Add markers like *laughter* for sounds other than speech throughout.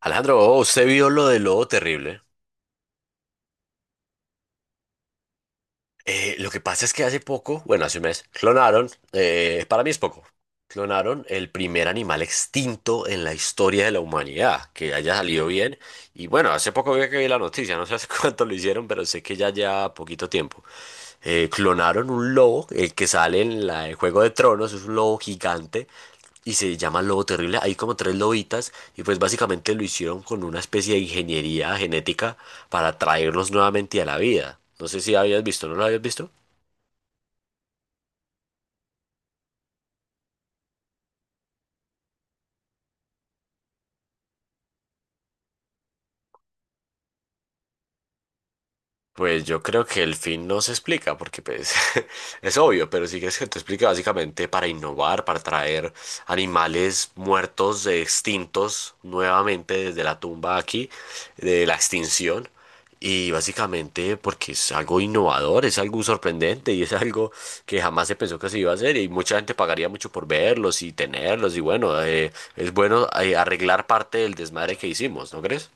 Alejandro, oh, usted vio lo de Lobo Terrible. Lo que pasa es que hace poco, bueno, hace un mes, clonaron, para mí es poco, clonaron el primer animal extinto en la historia de la humanidad, que haya salido bien. Y bueno, hace poco vi la noticia, no sé hace *laughs* cuánto lo hicieron, pero sé que ya lleva poquito tiempo. Clonaron un lobo, el que sale en la de Juego de Tronos, es un lobo gigante y se llama lobo terrible. Hay como tres lobitas y pues básicamente lo hicieron con una especie de ingeniería genética para traerlos nuevamente a la vida. No sé si habías visto, ¿no lo habías visto? Pues yo creo que el fin no se explica, porque pues *laughs* es obvio, pero sí que es que te explica básicamente para innovar, para traer animales muertos, extintos nuevamente desde la tumba aquí, de la extinción, y básicamente porque es algo innovador, es algo sorprendente y es algo que jamás se pensó que se iba a hacer y mucha gente pagaría mucho por verlos y tenerlos y bueno, es bueno arreglar parte del desmadre que hicimos, ¿no crees?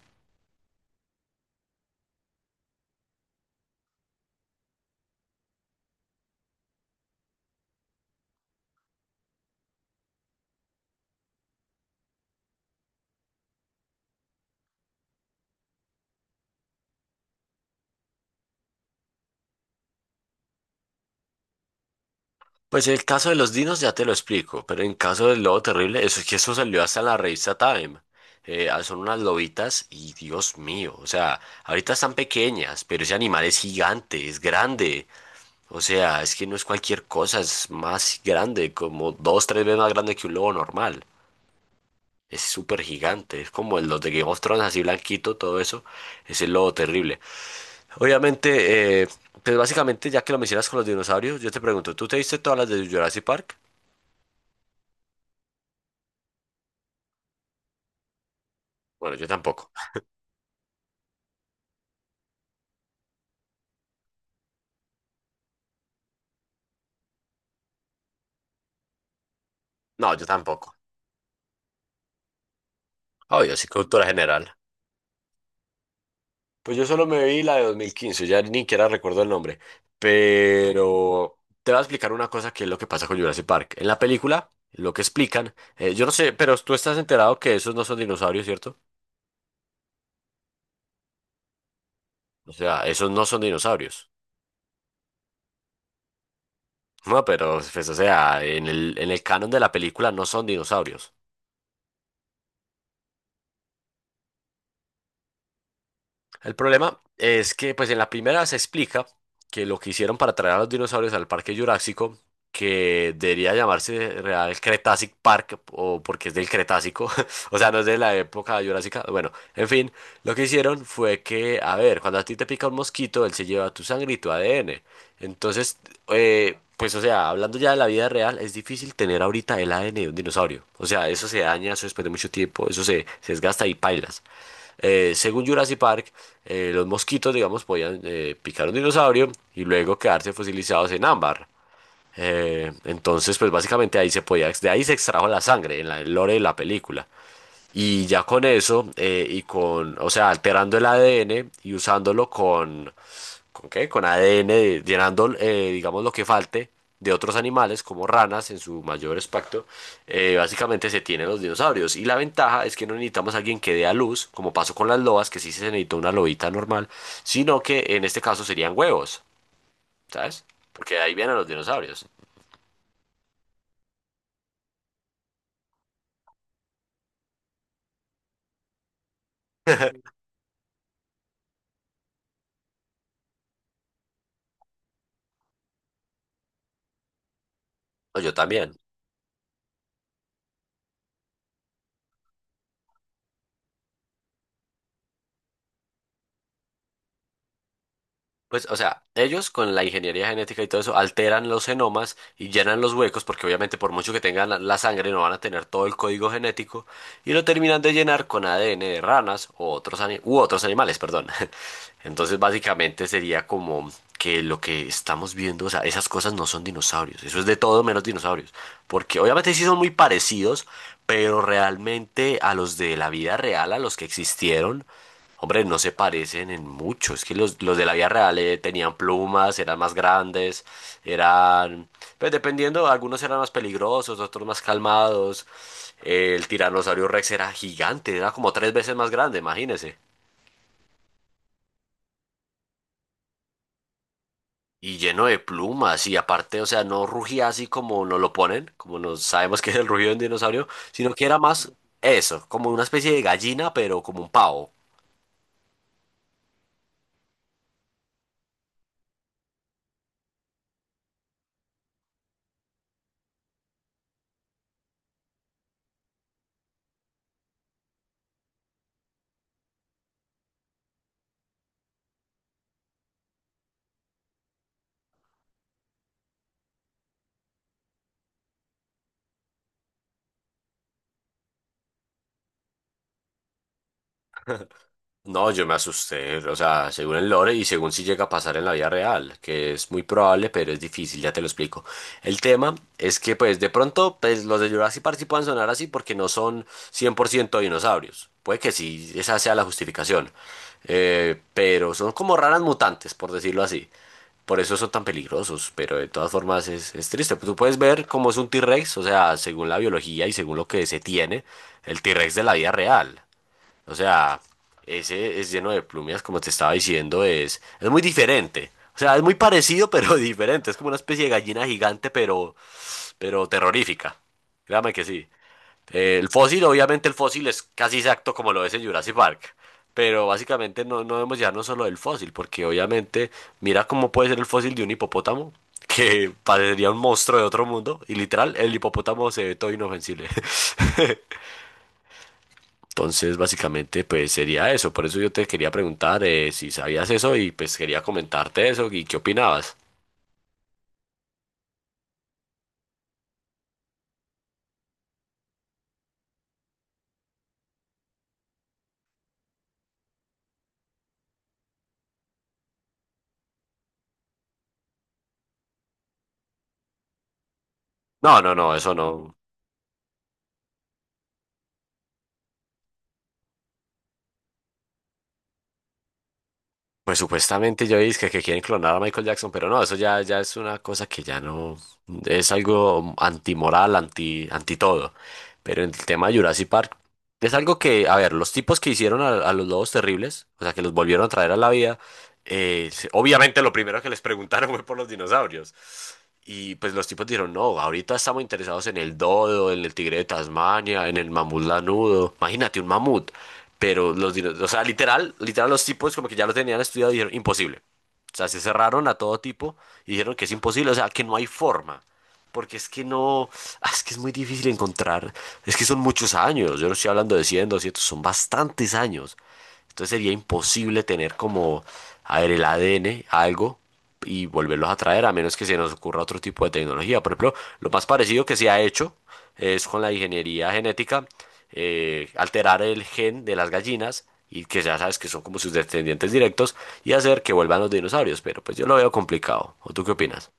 Pues el caso de los dinos ya te lo explico, pero en caso del lobo terrible, eso es que eso salió hasta en la revista Time. Son unas lobitas y Dios mío, o sea, ahorita están pequeñas, pero ese animal es gigante, es grande. O sea, es que no es cualquier cosa, es más grande, como dos, tres veces más grande que un lobo normal. Es súper gigante, es como los de Game of Thrones, así blanquito, todo eso. Es el lobo terrible. Obviamente, pues básicamente, ya que lo mencionas con los dinosaurios, yo te pregunto, ¿tú te viste todas las de Jurassic Park? Bueno, yo tampoco. No, yo tampoco. Obvio, sí, cultura general. Pues yo solo me vi la de 2015 ya ni siquiera recuerdo el nombre. Pero te voy a explicar una cosa que es lo que pasa con Jurassic Park. En la película, lo que explican, yo no sé, pero tú estás enterado que esos no son dinosaurios, ¿cierto? O sea, esos no son dinosaurios. No, pero, pues, o sea, en el canon de la película no son dinosaurios. El problema es que, pues en la primera se explica que lo que hicieron para traer a los dinosaurios al Parque Jurásico, que debería llamarse Real Cretácic Park, o porque es del Cretácico, *laughs* o sea, no es de la época jurásica. Bueno, en fin, lo que hicieron fue que, a ver, cuando a ti te pica un mosquito, él se lleva tu sangre y tu ADN. Entonces, pues, o sea, hablando ya de la vida real, es difícil tener ahorita el ADN de un dinosaurio. O sea, eso se daña, eso después de mucho tiempo, se desgasta y pailas. Según Jurassic Park, los mosquitos, digamos, podían picar un dinosaurio y luego quedarse fosilizados en ámbar. Entonces, pues básicamente ahí se podía, de ahí se extrajo la sangre en la, el lore de la película. Y ya con eso, y con, o sea, alterando el ADN y usándolo ¿con qué? Con ADN, llenando, digamos, lo que falte de otros animales, como ranas en su mayor espectro, básicamente se tienen los dinosaurios. Y la ventaja es que no necesitamos a alguien que dé a luz, como pasó con las lobas, que sí se necesitó una lobita normal, sino que en este caso serían huevos, ¿sabes? Porque de ahí vienen los dinosaurios. No, yo también. Pues, o sea, ellos con la ingeniería genética y todo eso alteran los genomas y llenan los huecos, porque obviamente por mucho que tengan la sangre no van a tener todo el código genético, y lo terminan de llenar con ADN de ranas o otros ani- u otros animales, perdón. *laughs* Entonces, básicamente sería como que lo que estamos viendo, o sea, esas cosas no son dinosaurios, eso es de todo menos dinosaurios, porque obviamente sí son muy parecidos, pero realmente a los de la vida real, a los que existieron, hombre, no se parecen en mucho. Es que los de la vida real tenían plumas, eran más grandes, eran... Pues dependiendo, algunos eran más peligrosos, otros más calmados. El tiranosaurio Rex era gigante, era como tres veces más grande, imagínese. Y lleno de plumas, y aparte, o sea, no rugía así como nos lo ponen, como nos sabemos que es el rugido de un dinosaurio, sino que era más eso, como una especie de gallina, pero como un pavo. No, yo me asusté, o sea, según el lore y según si llega a pasar en la vida real, que es muy probable, pero es difícil, ya te lo explico. El tema es que, pues, de pronto, pues, los de Jurassic Park sí pueden sonar así porque no son 100% dinosaurios. Puede que sí, esa sea la justificación. Pero son como raras mutantes, por decirlo así. Por eso son tan peligrosos, pero de todas formas es triste. Tú puedes ver cómo es un T-Rex, o sea, según la biología y según lo que se tiene, el T-Rex de la vida real. O sea, ese es lleno de plumias, como te estaba diciendo, es muy diferente. O sea, es muy parecido, pero *laughs* diferente. Es como una especie de gallina gigante, pero terrorífica. Créame que sí. El fósil, obviamente, el fósil es casi exacto como lo es en Jurassic Park. Pero básicamente no, no debemos llevarnos solo del fósil, porque obviamente, mira cómo puede ser el fósil de un hipopótamo, *laughs* que parecería un monstruo de otro mundo, y literal, el hipopótamo se ve todo inofensible. *laughs* Entonces, básicamente, pues sería eso. Por eso yo te quería preguntar si sabías eso y pues quería comentarte eso y qué opinabas. No, no, no, eso no. Pues supuestamente yo dije que quieren clonar a Michael Jackson, pero no, eso ya, ya es una cosa que ya no es algo antimoral, anti, anti todo. Pero en el tema de Jurassic Park, es algo que, a ver, los tipos que hicieron a los lobos terribles, o sea, que los volvieron a traer a la vida, obviamente lo primero que les preguntaron *laughs* fue por los dinosaurios. Y pues los tipos dijeron, no, ahorita estamos interesados en el dodo, en el tigre de Tasmania, en el mamut lanudo. Imagínate un mamut. Pero o sea, literal, literal los tipos como que ya lo tenían estudiado y dijeron, imposible. O sea, se cerraron a todo tipo y dijeron que es imposible, o sea, que no hay forma. Porque es que no, es que es muy difícil encontrar, es que son muchos años, yo no estoy hablando de 100 200 son bastantes años. Entonces sería imposible tener como, a ver, el ADN, algo, y volverlos a traer, a menos que se nos ocurra otro tipo de tecnología. Por ejemplo, lo más parecido que se ha hecho es con la ingeniería genética, alterar el gen de las gallinas, y que ya sabes que son como sus descendientes directos, y hacer que vuelvan los dinosaurios. Pero pues yo lo veo complicado. ¿O tú qué opinas?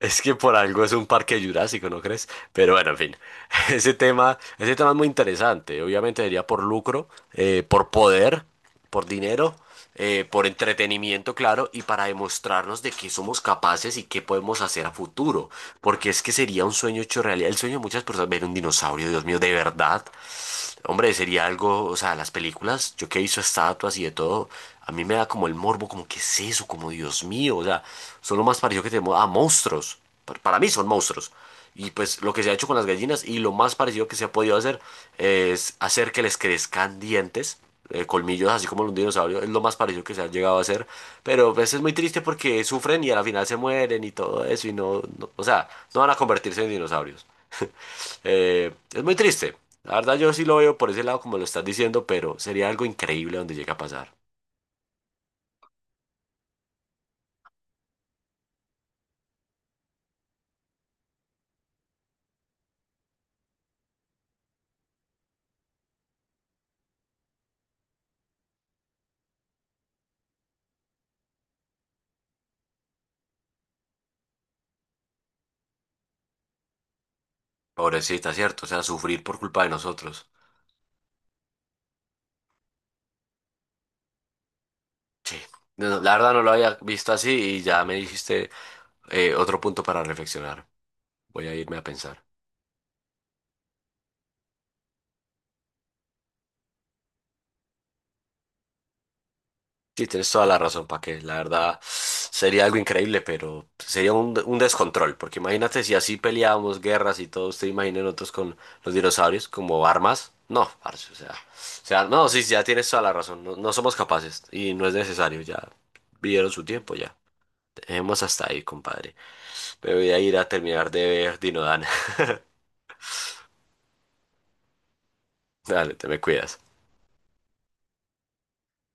Es que por algo es un parque jurásico, ¿no crees? Pero bueno, en fin, *laughs* ese tema es muy interesante. Obviamente sería por lucro, por poder, por dinero, por entretenimiento, claro, y para demostrarnos de qué somos capaces y qué podemos hacer a futuro porque es que sería un sueño hecho realidad. El sueño de muchas personas, ver un dinosaurio, Dios mío, de verdad. Hombre, sería algo, o sea, las películas, yo que he visto estatuas y de todo, a mí me da como el morbo, como que es eso, como Dios mío, o sea, son lo más parecido que tenemos a monstruos. Para mí son monstruos. Y pues lo que se ha hecho con las gallinas y lo más parecido que se ha podido hacer es hacer que les crezcan dientes, colmillos, así como los dinosaurios. Es lo más parecido que se ha llegado a hacer. Pero pues es muy triste porque sufren y al final se mueren y todo eso. Y no, o sea, no van a convertirse en dinosaurios. *laughs* Es muy triste. La verdad yo sí lo veo por ese lado como lo estás diciendo, pero sería algo increíble donde llega a pasar. Pobrecita, ¿cierto? O sea, sufrir por culpa de nosotros. Sí. No, no, la verdad no lo había visto así y ya me dijiste otro punto para reflexionar. Voy a irme a pensar. Sí, tienes toda la razón, para que la verdad sería algo increíble, pero sería un descontrol, porque imagínate si así peleábamos guerras y todo, usted imagina nosotros con los dinosaurios como armas. No, parce, no, sí, ya tienes toda la razón, no, no somos capaces y no es necesario, ya vivieron su tiempo, ya. Dejemos hasta ahí, compadre. Me voy a ir a terminar de ver Dinodan. *laughs* Dale, te me cuidas.